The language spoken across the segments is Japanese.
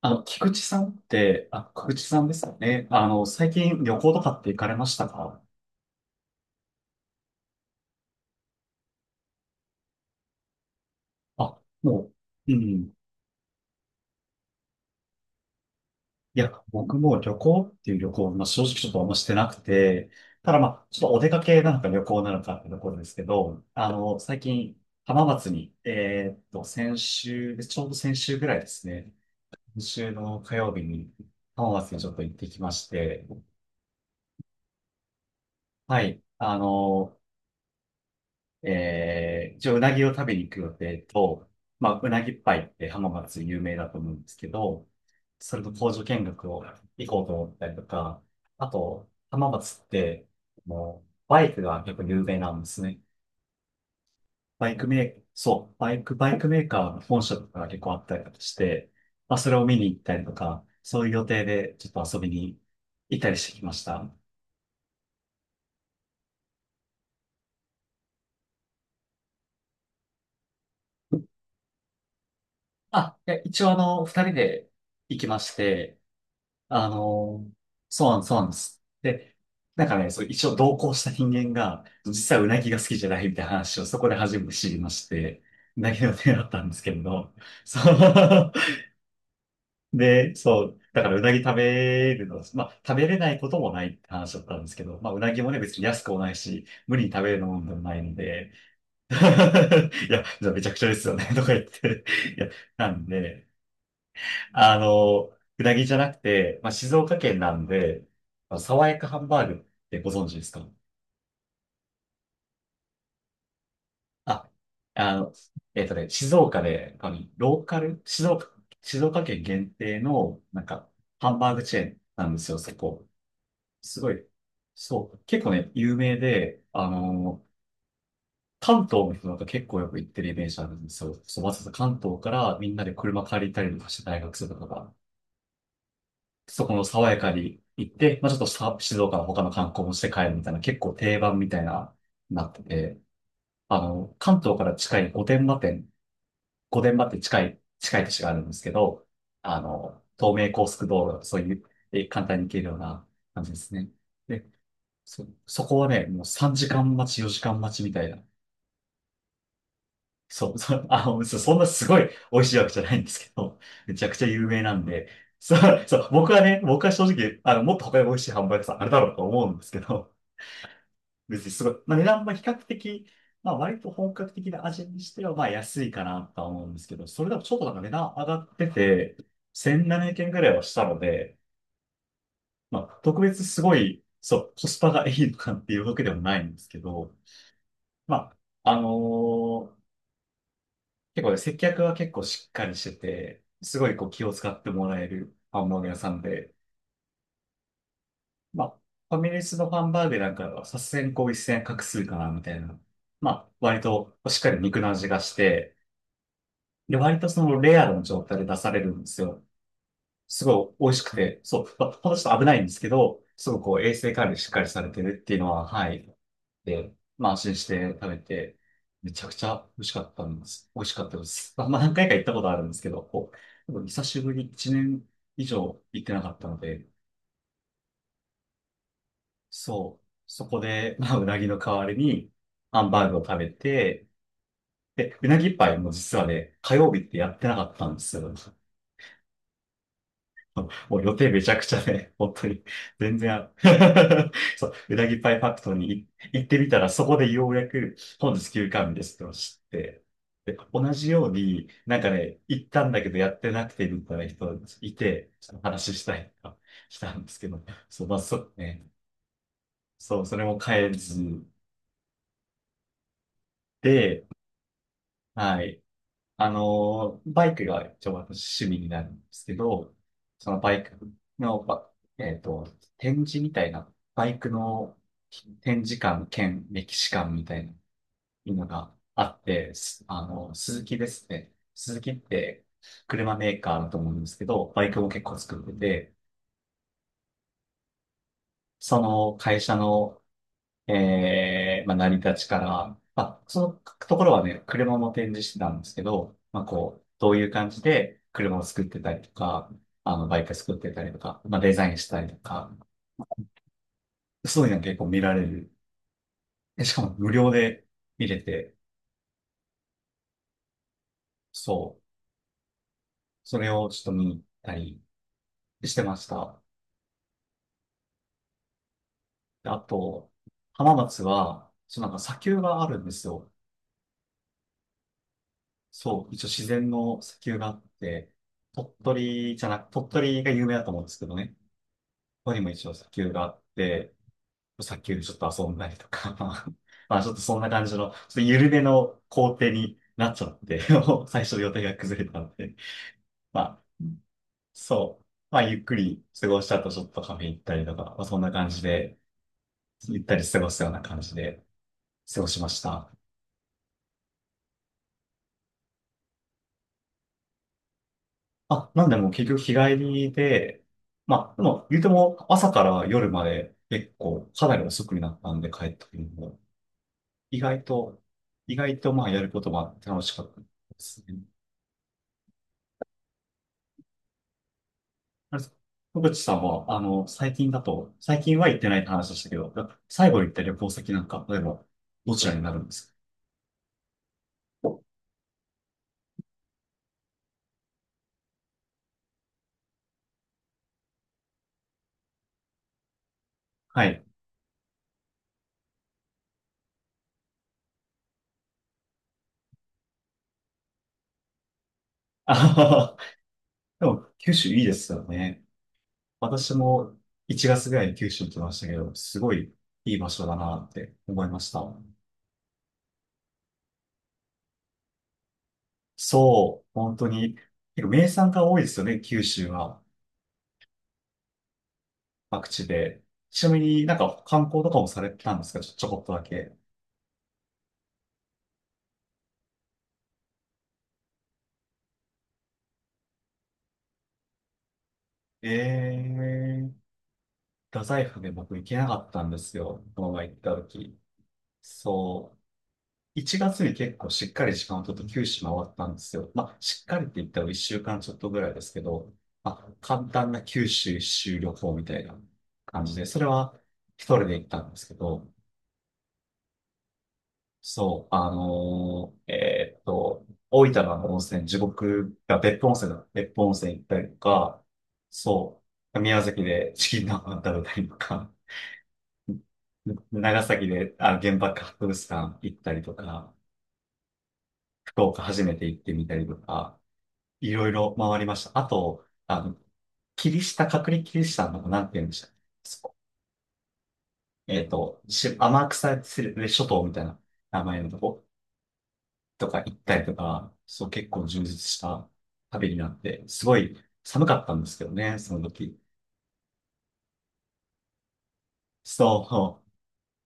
菊池さんって、菊池さんですかね。最近旅行とかって行かれましたか？もうん。いや、僕も旅行っていう旅行、まあ、正直ちょっとあんましてなくて、ただまあ、ちょっとお出かけなのか旅行なのかってところですけど、最近、浜松に、先週、ちょうど先週ぐらいですね。先週の火曜日に、浜松にちょっと行ってきまして、はい。一応うなぎを食べに行く予定と、まあ、うなぎパイって浜松有名だと思うんですけど、それと工場見学を行こうと思ったりとか、あと、浜松って、もう、バイクが結構有名なんですね。バイクメー、そう、バイクメーカーの本社とかが結構あったりとかして、まあ、それを見に行ったりとか、そういう予定でちょっと遊びに行ったりしてきました。いや、一応二人で行きまして、あの、そうなんです。で、なんかね、そう、一応同行した人間が、実はうなぎが好きじゃないみたいな話をそこで初めて知りまして、うなぎの手だったんですけれど、そう。で、そう、だからうなぎ食べるの、まあ、食べれないこともないって話だったんですけど、まあ、うなぎもね、別に安くもないし、無理に食べるものでもないので、いや、じゃあめちゃくちゃですよね、とか言って、いや、なんで、あの、うなぎじゃなくて、まあ、静岡県なんで、まあ、爽やかハンバーグってご存知ですか？あ、あの、えっとね、静岡で、ローカル、静岡県限定の、なんか、ハンバーグチェーンなんですよ、そこ。すごい、そう、結構ね、有名で、関東の人なんか結構よく行ってるイメージあるんですよ。そう、わざわざ関東からみんなで車借りたりとかして大学生とかが。そこの爽やかに行って、まあ、ちょっとさ静岡の他の観光もして帰るみたいな、結構定番みたいな、なってて、関東から近い御殿場店、御殿場って近い、近い都市があるんですけど、東名高速道路、そういう、え簡単に行けるような感じですね。で、そこはね、もう3時間待ち、4時間待ちみたいな。そう、そう、そうそんなすごい美味しいわけじゃないんですけど、めちゃくちゃ有名なんで、そう、そう、僕はね、僕は正直、もっと他に美味しいハンバーガー屋さんあれだろうと思うんですけど、別にすごい、まあ、値段も比較的、まあ割と本格的な味にしては、まあ安いかなとは思うんですけど、それでもちょっとなんか値段上がってて、1700円ぐらいはしたので、まあ特別すごい、そう、コスパがいいのかっていうわけでもないんですけど、まあ、結構ね、接客は結構しっかりしてて、すごいこう気を使ってもらえるハンバーガー屋さんで、まあ、ファミレスのハンバーグなんかはさすがにこう一線画数かなみたいな。まあ、割としっかり肉の味がして、で、割とそのレアの状態で出されるんですよ。すごい美味しくて、そう、まあ、ほんとちょっと危ないんですけど、すごくこう衛生管理しっかりされてるっていうのは、はい、で、まあ安心して食べて、めちゃくちゃ美味しかったんです。美味しかったです。まあ、まあ何回か行ったことあるんですけど、こう、でも久しぶり、1年以上行ってなかったので、そう、そこで、まあ、うなぎの代わりに、ハンバーグを食べて、で、うなぎパイも実はね、火曜日ってやってなかったんですよ。もう予定めちゃくちゃね、本当に、全然あ、そう、うなぎパイファクトリーに行ってみたら、そこでようやく本日休館日ですってのを知って、で、同じように、なんかね、行ったんだけどやってなくてみたいな人いて、ちょっと話したりとかしたんですけど、そう、まあ、そうね、そう、それも変えずで、はい。バイクが一応私趣味になるんですけど、そのバイクの、えっと、展示みたいな、バイクの展示館兼歴史館みたいなのがあって、スズキですね。スズキって車メーカーだと思うんですけど、バイクも結構作ってて、その会社のまあ、成り立ちから、まあ、そのところはね、車も展示してたんですけど、まあ、こう、どういう感じで車を作ってたりとか、バイク作ってたりとか、まあ、デザインしたりとか、そういうの結構見られる。えしかも無料で見れて、そう、それをちょっと見に行ったりしてました。であと、浜松は、そう、なんか砂丘があるんですよ。そう、一応自然の砂丘があって、鳥取じゃなく、鳥取が有名だと思うんですけどね。ここにも一応砂丘があって、砂丘でちょっと遊んだりとか、まあちょっとそんな感じの、ちょっと緩めの工程になっちゃって、最初予定が崩れたので、まあそう、まあゆっくり過ごした後ちょっとカフェ行ったりとか、まあそんな感じで、行ったり過ごすような感じで過ごしました。なんでもう結局日帰りで、まあでも言うても朝から夜まで結構かなり遅くになったんで帰った時にも。意外と、意外とまあやることも楽しかったですね。あれ野口さんは、最近だと、最近は行ってないって話でしたけど、最後行った旅行先なんか、例えば、どちらになるんですか？はい。あはは。でも、九州いいですよね。私も1月ぐらいに九州行きましたけど、すごいいい場所だなって思いました。そう、本当に、結構名産が多いですよね、九州は。各地で。ちなみになんか観光とかもされてたんですか？ちょこっとだけ。ええ、太宰府で僕行けなかったんですよ。この前行った時。そう。1月に結構しっかり時間を取って九州回ったんですよ。まあ、しっかりって言ったら1週間ちょっとぐらいですけど、まあ、簡単な九州一周旅行みたいな感じで、それは一人で行ったんですけど、そう、大分の温泉、地獄が別府温泉だ。別府温泉行ったりとか、そう、宮崎でチキン南蛮食べたりとか、長崎で、原爆博物館行ったりとか、福岡初めて行ってみたりとか、いろいろ回りました。あと、キリシタン、隔離キリシタンの、なんて言うんでしたっけ？そこ天草諸島みたいな名前のとことか行ったりとか、そう結構充実した旅になって、すごい寒かったんですけどね、その時。そう、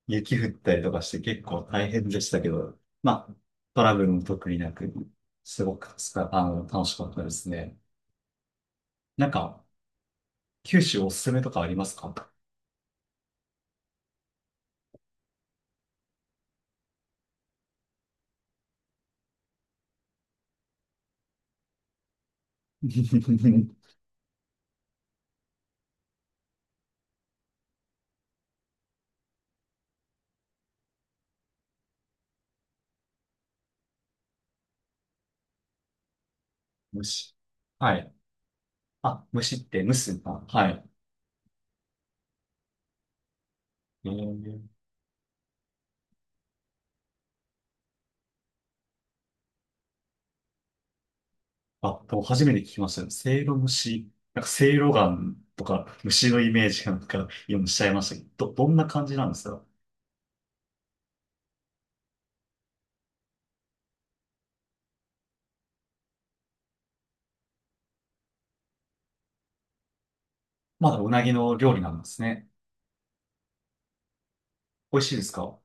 雪降ったりとかして結構大変でしたけど、まあ、トラブルも特になく、すごくつか、楽しかったですね。なんか、九州おすすめとかありますか？ 虫。はい。虫って虫すか。はい。えー、多分初めて聞きましたね。せいろ蒸し。なんかせいろガンとか虫のイメージがなんか今しちゃいましたけど、どんな感じなんですか？まだうなぎの料理なんですね。美味しいですか？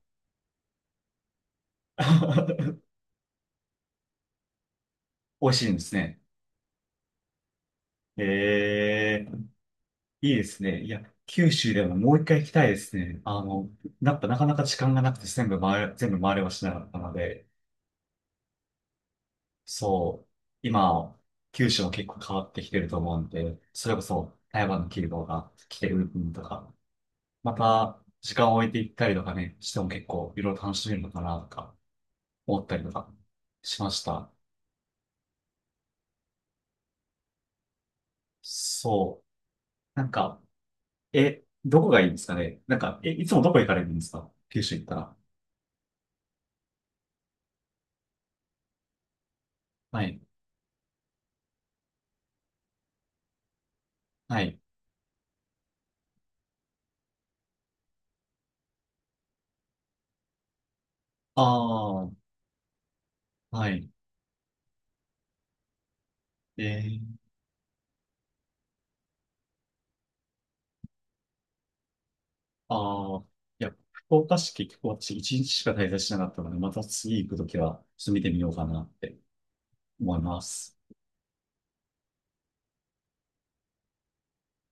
美味しいんですね。えー、いいですね。いや、九州でももう一回行きたいですね。なんかなかなか時間がなくて全部回れはしなかったので、そう、今、九州も結構変わってきてると思うんで、それこそ台湾の企業が来てる部分とか、また時間を置いていったりとかね、しても結構いろいろ楽しめるのかなとか思ったりとかしました。そう。なんか、え、どこがいいんですかね？なんか、え、いつもどこ行かれるんですか、九州行ったら？はい。はい。ああ、はい。えー、ああ、いや、福岡市結構私一日しか滞在しなかったので、また次行くときは、ちょっと見てみようかなって思います。